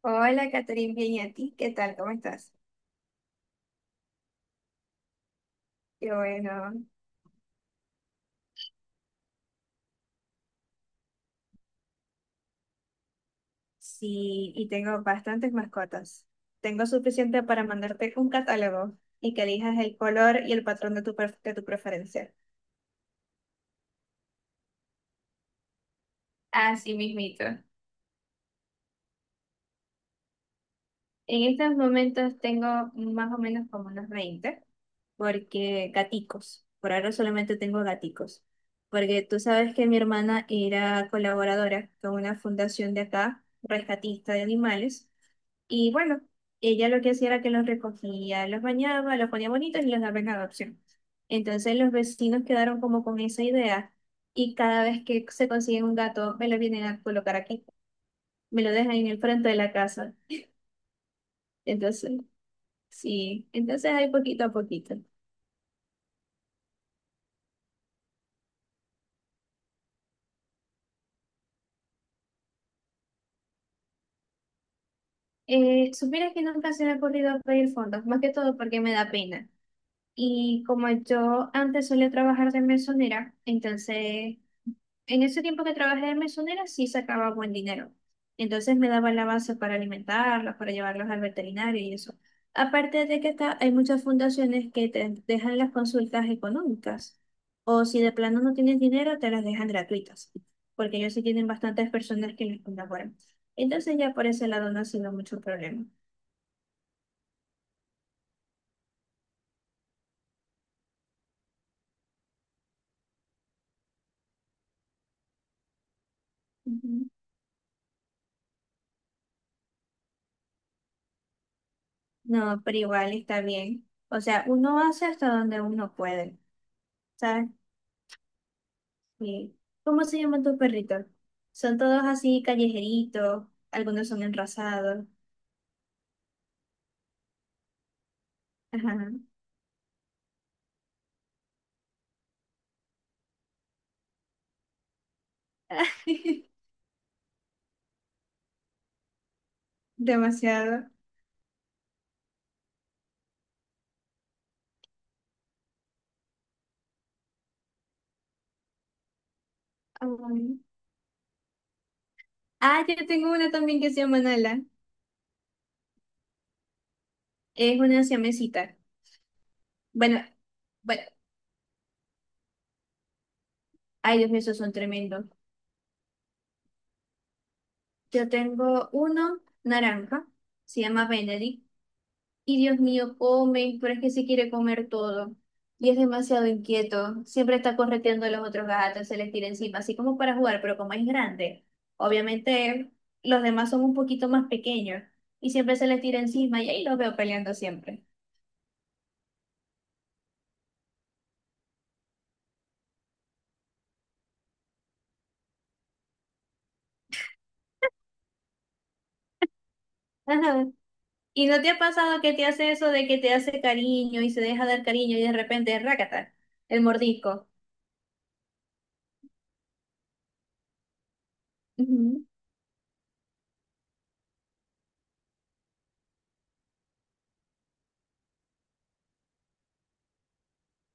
Hola, Catherine, bien, ¿y a ti? ¿Qué tal? ¿Cómo estás? Qué bueno. Sí, y tengo bastantes mascotas. Tengo suficiente para mandarte un catálogo y que elijas el color y el patrón de de tu preferencia. Así mismito. En estos momentos tengo más o menos como unos 20, porque gaticos. Por ahora solamente tengo gaticos. Porque tú sabes que mi hermana era colaboradora con una fundación de acá, rescatista de animales. Y bueno, ella lo que hacía era que los recogía, los bañaba, los ponía bonitos y los daba en adopción. Entonces los vecinos quedaron como con esa idea y cada vez que se consiguen un gato me lo vienen a colocar aquí, me lo dejan en el frente de la casa. Entonces, sí, entonces hay poquito a poquito. Supieras que nunca se me ha ocurrido pedir fondos, más que todo porque me da pena. Y como yo antes solía trabajar de mesonera, entonces en ese tiempo que trabajé de mesonera sí sacaba buen dinero. Entonces me daba la base para alimentarlos, para llevarlos al veterinario y eso. Aparte de que está, hay muchas fundaciones que te dejan las consultas económicas. O si de plano no tienes dinero, te las dejan gratuitas. Porque ellos sí tienen bastantes personas que les colaboran. Entonces ya por ese lado no ha sido mucho problema. Ujú. No, pero igual está bien. O sea, uno hace hasta donde uno puede. ¿Sabes? Sí. ¿Cómo se llaman tus perritos? Son todos así callejeritos, algunos son enrasados. Ajá. Demasiado. Ay. Ah, yo tengo una también que se llama Nala. Es una siamesita. Bueno, bueno, ay Dios mío, esos son tremendos. Yo tengo uno naranja, se llama Benedict. Y Dios mío, come, pero es que se quiere comer todo. Y es demasiado inquieto. Siempre está correteando a los otros gatos, se les tira encima, así como para jugar, pero como es grande, obviamente los demás son un poquito más pequeños y siempre se les tira encima y ahí los veo peleando siempre. Ajá. ¿Y no te ha pasado que te hace eso de que te hace cariño y se deja dar cariño y de repente, rácata, el mordisco? Ujú.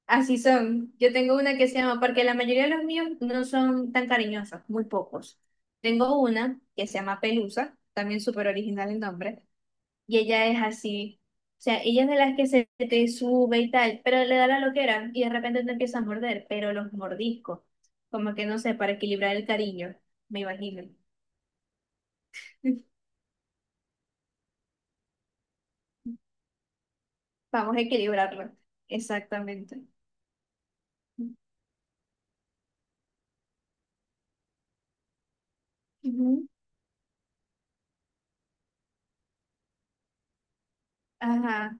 Así son. Yo tengo una que se llama, porque la mayoría de los míos no son tan cariñosos, muy pocos. Tengo una que se llama Pelusa, también súper original el nombre, y ella es así. O sea, ella es de las que se te sube y tal, pero le da la loquera y de repente te empieza a morder, pero los mordiscos, como que no sé, para equilibrar el cariño, me imagino. Vamos a equilibrarlo. Exactamente. Ujú. Ajá.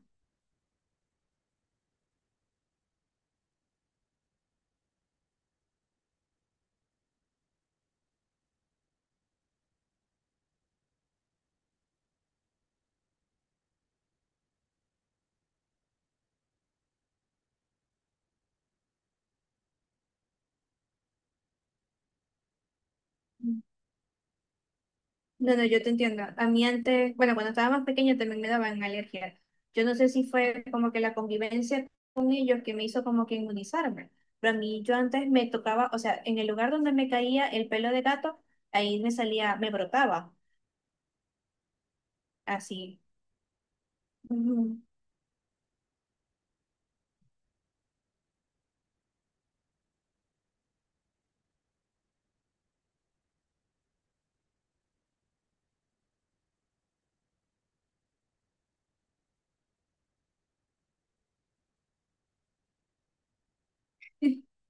No, no, yo te entiendo. A mí antes, bueno, cuando estaba más pequeña también me daban alergia. Yo no sé si fue como que la convivencia con ellos que me hizo como que inmunizarme. Pero a mí yo antes me tocaba, o sea, en el lugar donde me caía el pelo de gato, ahí me salía, me brotaba, así. Ujú.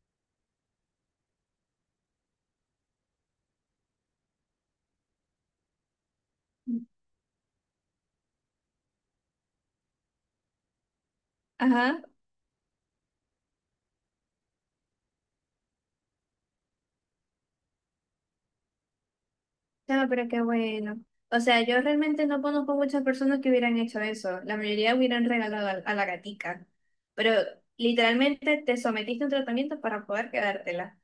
Ajá. No, pero qué bueno. O sea, yo realmente no conozco muchas personas que hubieran hecho eso. La mayoría hubieran regalado a la gatica. Pero literalmente te sometiste a un tratamiento para poder quedártela.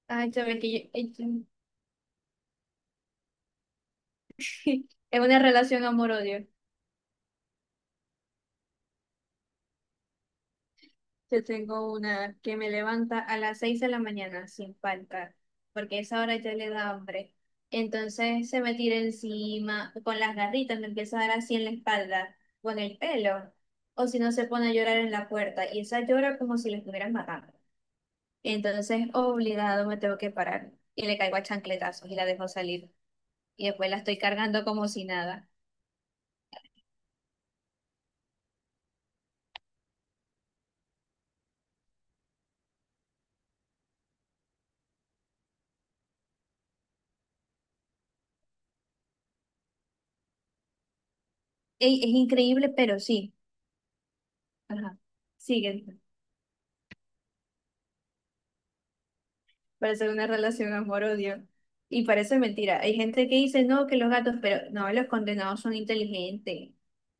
Ay, sabes que yo, es una relación amor-odio. Yo tengo una que me levanta a las 6 de la mañana sin falta, porque a esa hora ya le da hambre. Entonces se me tira encima, con las garritas me empieza a dar así en la espalda, con el pelo. O si no, se pone a llorar en la puerta y esa llora como si la estuvieran matando. Entonces, obligado, me tengo que parar y le caigo a chancletazos y la dejo salir. Y después la estoy cargando como si nada. Ey, es increíble, pero sí. Ajá. Siguen. Parece una relación amor-odio. Y parece mentira. Hay gente que dice, no, que los gatos, pero no, los condenados son inteligentes.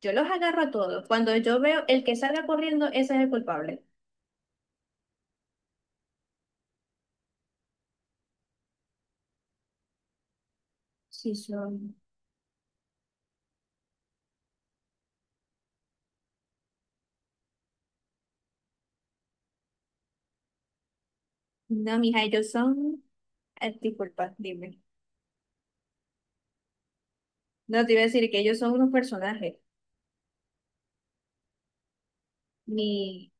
Yo los agarro a todos. Cuando yo veo el que salga corriendo, ese es el culpable. Sí, son. No, mija, ellos son. Disculpa, dime. No te iba a decir que ellos son unos personajes. Ni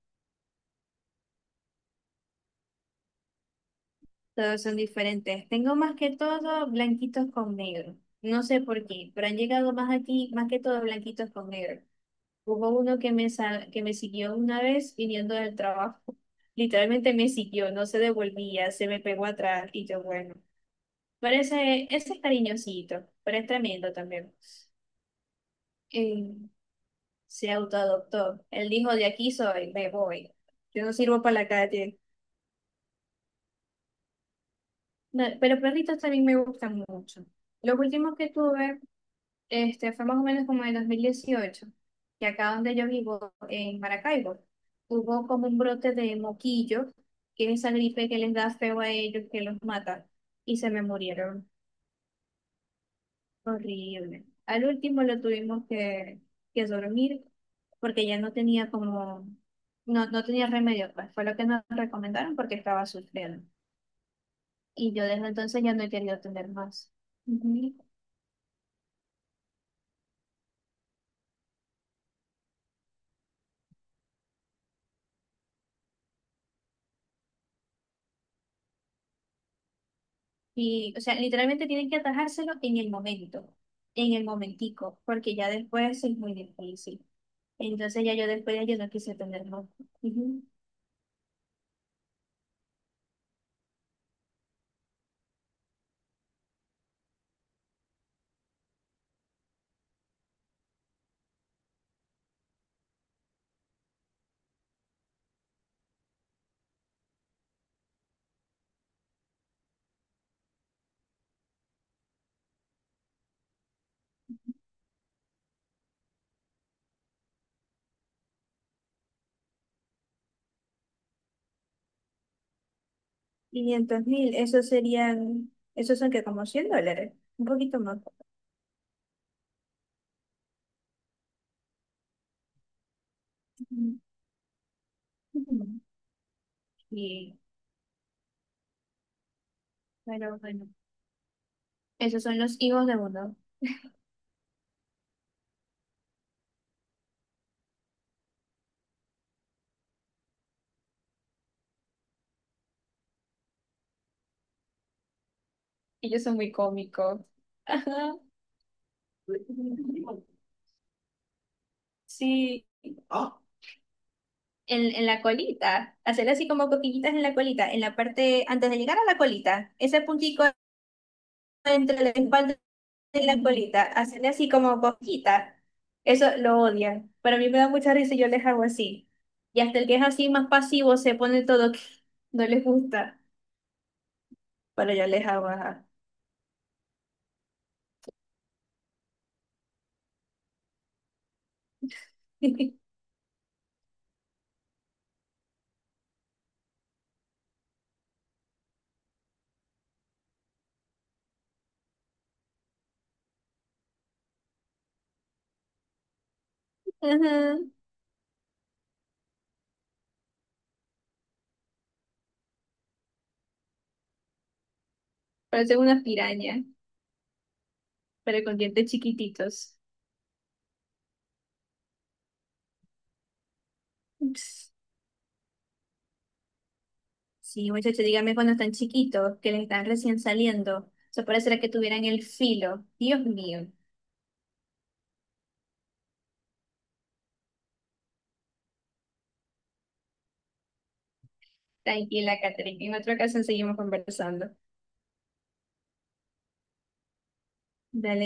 todos son diferentes. Tengo más que todo blanquitos con negro. No sé por qué, pero han llegado más aquí, más que todo blanquitos con negro. Hubo uno que me, que me siguió una vez viniendo del trabajo. Literalmente me siguió, no se devolvía, se me pegó atrás y yo, bueno. Pero ese es cariñosito, pero es tremendo también. Eh, Se autoadoptó. Él dijo, de aquí soy, me voy. Yo no sirvo para la calle. No, pero perritos también me gustan mucho. Los últimos que tuve fue más o menos como en el 2018 que acá donde yo vivo, en Maracaibo, hubo como un brote de moquillo, que es esa gripe que les da feo a ellos, que los mata, y se me murieron horrible. Al último lo tuvimos que dormir, porque ya no tenía como, no, no tenía remedio, pues fue lo que nos recomendaron porque estaba sufriendo. Y yo desde entonces ya no he querido tener más. Y, o sea, literalmente tienen que atajárselo en el momento, en el momentico, porque ya después es muy difícil. Entonces ya yo después ya yo no quise tenerlo. Ujú. 500.000, esos serían, esos son que como $100, un poquito más. Ujú. Ujú. Y, pero bueno, esos son los hijos de uno. Ellos son muy cómicos. Ajá. Sí. En la colita, hacerle así como cosquillitas en la colita, en la parte, antes de llegar a la colita, ese puntico entre la espalda y la colita, hacerle así como cosquita, eso lo odian, pero a mí me da mucha risa y yo les hago así. Y hasta el que es así más pasivo se pone todo que no les gusta, pero yo les hago ajá. Ajá, parecen unas pirañas, pero con dientes chiquititos. Ups. Sí, muchachos, dígame cuando están chiquitos, que les están recién saliendo. Eso parecerá que tuvieran el filo. Dios mío. Tranquila, Catherine. En otra ocasión seguimos conversando. Dale.